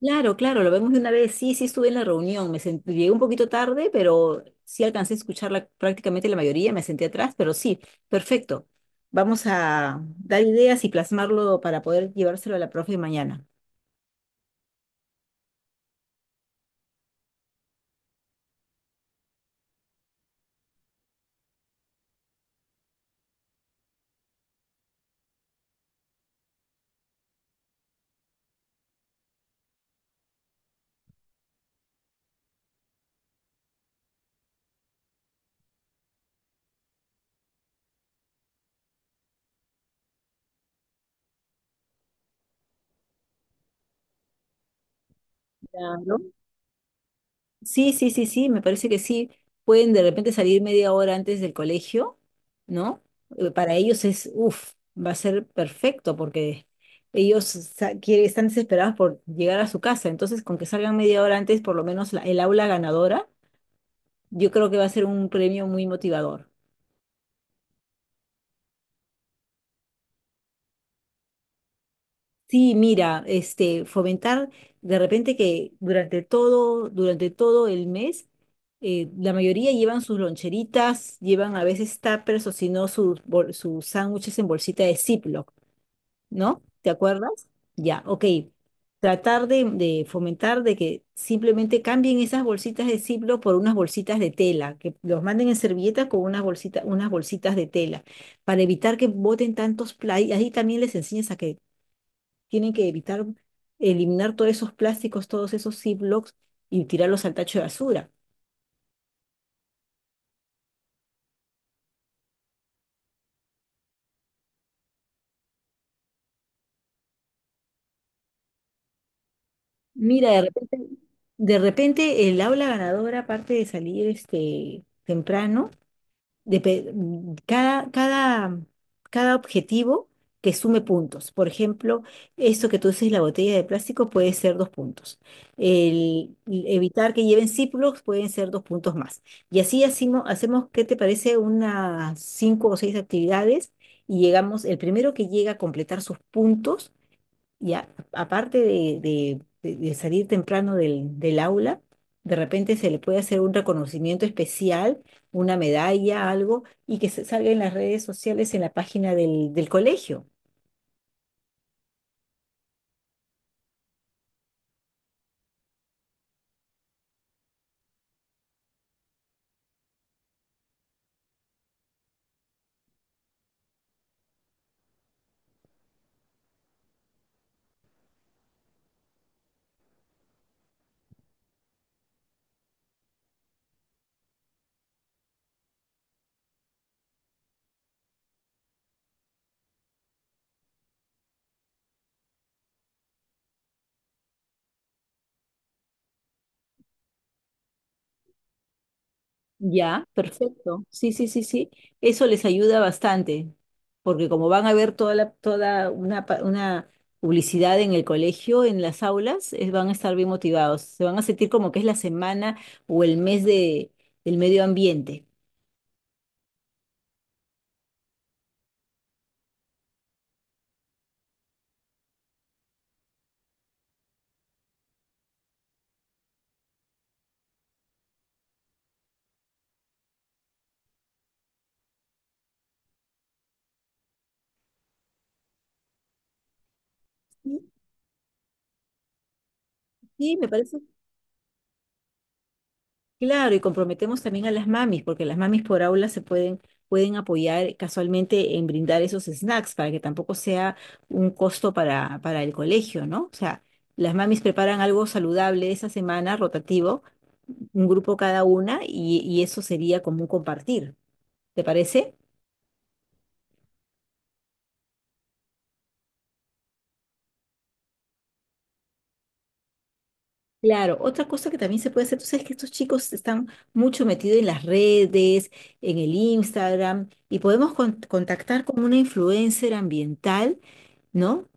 Claro, claro, lo vemos de una vez. Sí, sí estuve en la reunión. Llegué un poquito tarde, pero sí alcancé a escuchar prácticamente la mayoría. Me senté atrás, pero sí, perfecto. Vamos a dar ideas y plasmarlo para poder llevárselo a la profe mañana. Claro. Sí, sí, sí, sí, me parece que sí. Pueden de repente salir media hora antes del colegio, ¿no? Para ellos es, uff, va a ser perfecto porque están desesperados por llegar a su casa. Entonces, con que salgan media hora antes, por lo menos el aula ganadora, yo creo que va a ser un premio muy motivador. Sí, mira, este, fomentar de repente que durante todo el mes, la mayoría llevan sus loncheritas, llevan a veces tuppers o si no sus sándwiches en bolsita de Ziploc, ¿no? ¿Te acuerdas? Ya, ok. Tratar de fomentar de que simplemente cambien esas bolsitas de Ziploc por unas bolsitas de tela, que los manden en servilletas con unas bolsitas de tela, para evitar que boten tantos play. Ahí también les enseñas a que tienen que evitar eliminar todos esos plásticos, todos esos Ziplocs y tirarlos al tacho de basura. Mira, de repente el aula ganadora, aparte de salir este, temprano, depe- mm, cada, cada, cada objetivo que sume puntos. Por ejemplo, eso que tú dices, la botella de plástico puede ser dos puntos. El evitar que lleven círculos pueden ser dos puntos más. Y así hacemos, ¿qué te parece? Unas cinco o seis actividades y llegamos, el primero que llega a completar sus puntos y a- aparte de salir temprano del aula, de repente se le puede hacer un reconocimiento especial, una medalla, algo, y que se salga en las redes sociales, en la página del colegio. Ya, perfecto. Sí, sí, sí, sí. Eso les ayuda bastante, porque como van a ver una publicidad en el colegio, en las aulas, van a estar bien motivados. Se van a sentir como que es la semana o el mes del medio ambiente. Sí, me parece claro, y comprometemos también a las mamis, porque las mamis por aula pueden apoyar casualmente en brindar esos snacks para que tampoco sea un costo para el colegio, ¿no? O sea, las mamis preparan algo saludable esa semana, rotativo, un grupo cada una, y eso sería como un compartir. ¿Te parece? Claro, otra cosa que también se puede hacer, tú sabes que estos chicos están mucho metidos en las redes, en el Instagram, y podemos contactar con una influencer ambiental, ¿no?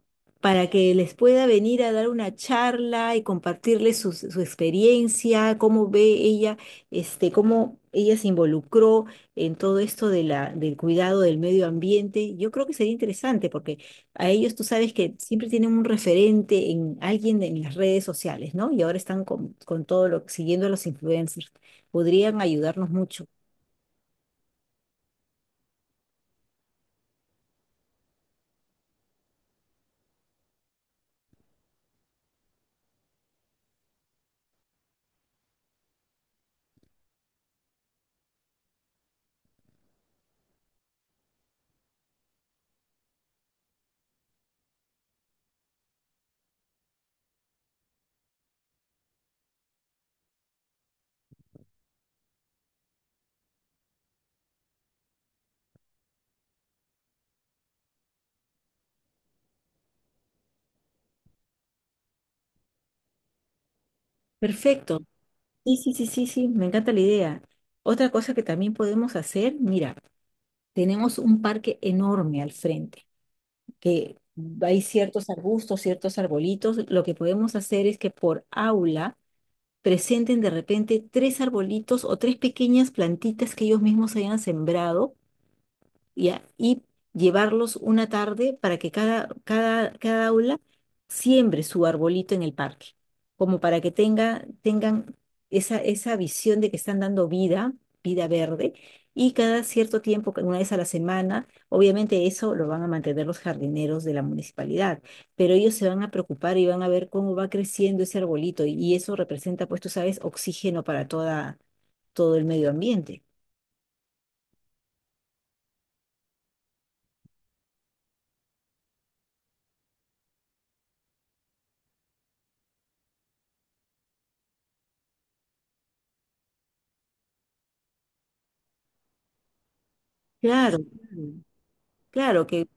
Para que les pueda venir a dar una charla y compartirles su experiencia, cómo ve ella, este, cómo ella se involucró en todo esto de del cuidado del medio ambiente. Yo creo que sería interesante a ellos, tú sabes que siempre tienen un referente en alguien en las redes sociales, ¿no? Y ahora están con todo lo, siguiendo a los influencers. Podrían ayudarnos mucho. Perfecto. Sí, sí, sí, sí, sí, me encanta la idea. Otra cosa que también podemos hacer, mira, tenemos un parque enorme al frente, que hay ciertos arbustos, ciertos arbolitos. Lo que podemos hacer es que por aula presenten de repente tres arbolitos o tres pequeñas plantitas que ellos mismos hayan sembrado, ¿ya? Y llevarlos una tarde para que cada aula siembre su arbolito en el parque, como para que tenga, tengan esa, esa visión de que están dando vida, vida verde, y cada cierto tiempo, una vez a la semana, obviamente eso lo van a mantener los jardineros de la municipalidad, pero ellos se van a preocupar y van a ver cómo va creciendo ese arbolito, y eso representa, pues tú sabes, oxígeno para toda, todo el medio ambiente. Claro, claro, claro que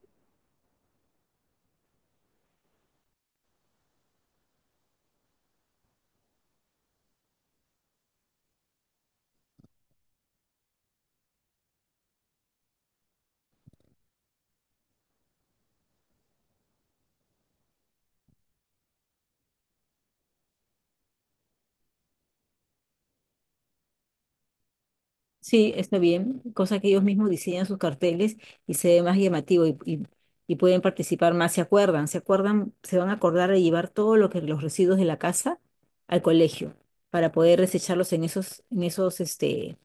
sí, está bien, cosa que ellos mismos diseñan sus carteles y se ve más llamativo y pueden participar más, se acuerdan, se acuerdan, se van a acordar de llevar todo lo que los residuos de la casa al colegio para poder desecharlos en en esos este,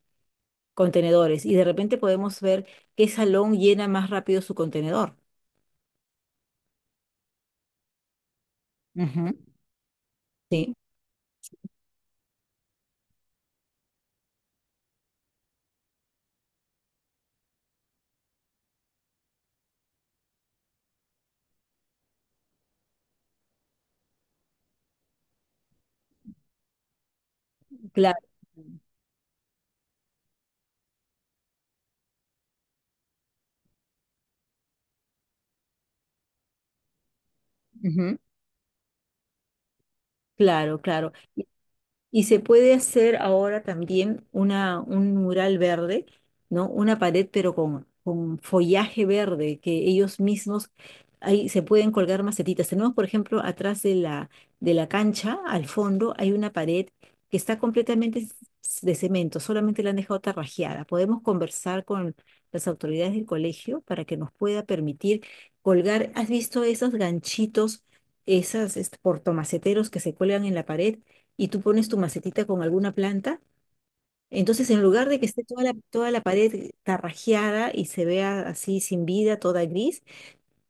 contenedores. Y de repente podemos ver qué salón llena más rápido su contenedor. Ujú. Sí, claro. Claro, claro. Y se puede hacer ahora también un mural verde, ¿no? Una pared, pero con follaje verde, que ellos mismos ahí se pueden colgar macetitas. Tenemos, por ejemplo, atrás de de la cancha, al fondo, hay una pared que está de cemento, solamente la han dejado tarrajeada. Podemos conversar con las autoridades del colegio para que nos pueda permitir colgar. ¿Has visto esos ganchitos, esas este, portomaceteros que se cuelgan en la pared? Y tú pones tu macetita con alguna planta, entonces en lugar de que esté toda la pared tarrajeada y se vea así sin vida, toda gris,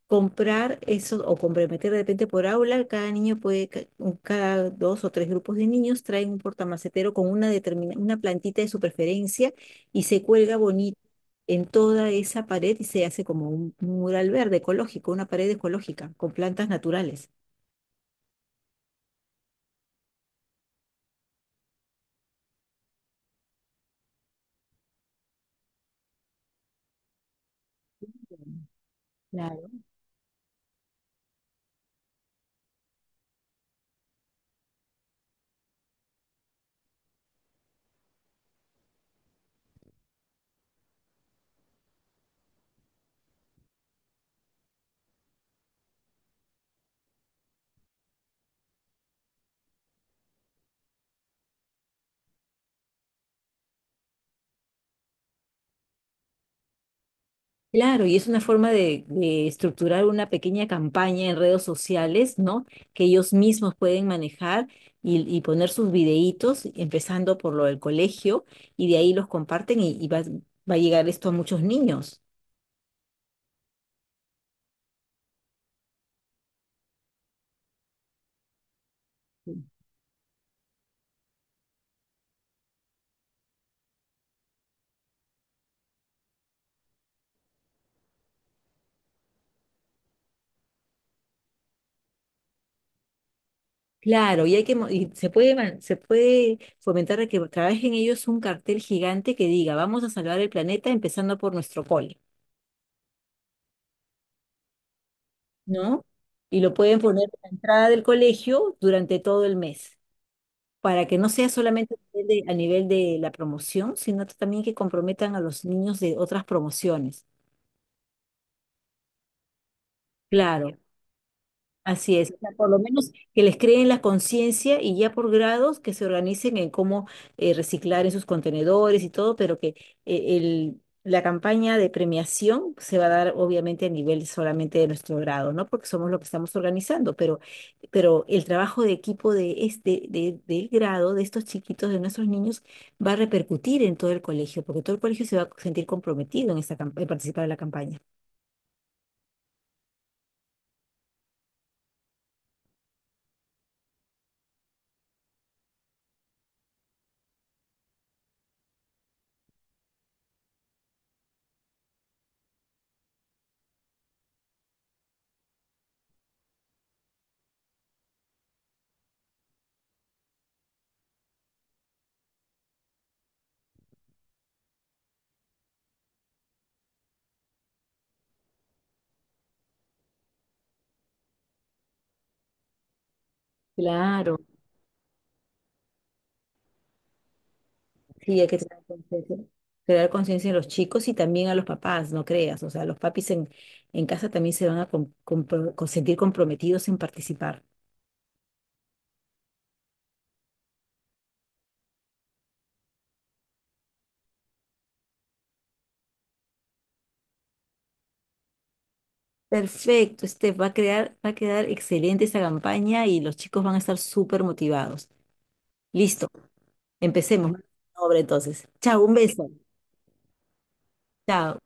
comprar eso o comprometer de repente por aula, cada niño puede, ca- un- cada dos o tres grupos de niños traen un portamacetero con una plantita de su preferencia y se cuelga bonito en toda esa pared y se hace como un mural verde ecológico, una pared ecológica con plantas naturales. Claro. Claro, y es una forma de estructurar una pequeña campaña en redes sociales, ¿no? Que ellos mismos pueden manejar y poner sus videitos, empezando por lo del colegio, y de ahí los comparten va a llegar esto a muchos niños. Claro, y hay y se puede fomentar a que trabajen ellos un cartel gigante que diga, vamos a salvar el planeta empezando por nuestro cole, ¿no? Y lo pueden poner en la entrada del colegio durante todo el mes, para que no sea solamente a nivel de la promoción, sino también que comprometan a los niños de otras promociones. Claro, así es, o sea, por lo menos que les creen la conciencia y ya por grados que se organicen en cómo reciclar en sus contenedores y todo, pero que la campaña de premiación se va a dar obviamente a nivel solamente de nuestro grado, ¿no? Porque somos lo que estamos organizando, pero el trabajo de equipo del grado, de estos chiquitos, de nuestros niños, va a repercutir en todo el colegio, porque todo el colegio se va a sentir comprometido en en participar de la campaña. Claro. Sí, hay que crear conciencia en los chicos y también a los papás, no creas. O sea, los papis en casa también se van a sentir comprometidos en participar. Perfecto, este va a crear, va a quedar excelente esta campaña y los chicos van a estar súper motivados. Listo, empecemos. Obra entonces. Chao, un beso. Chao.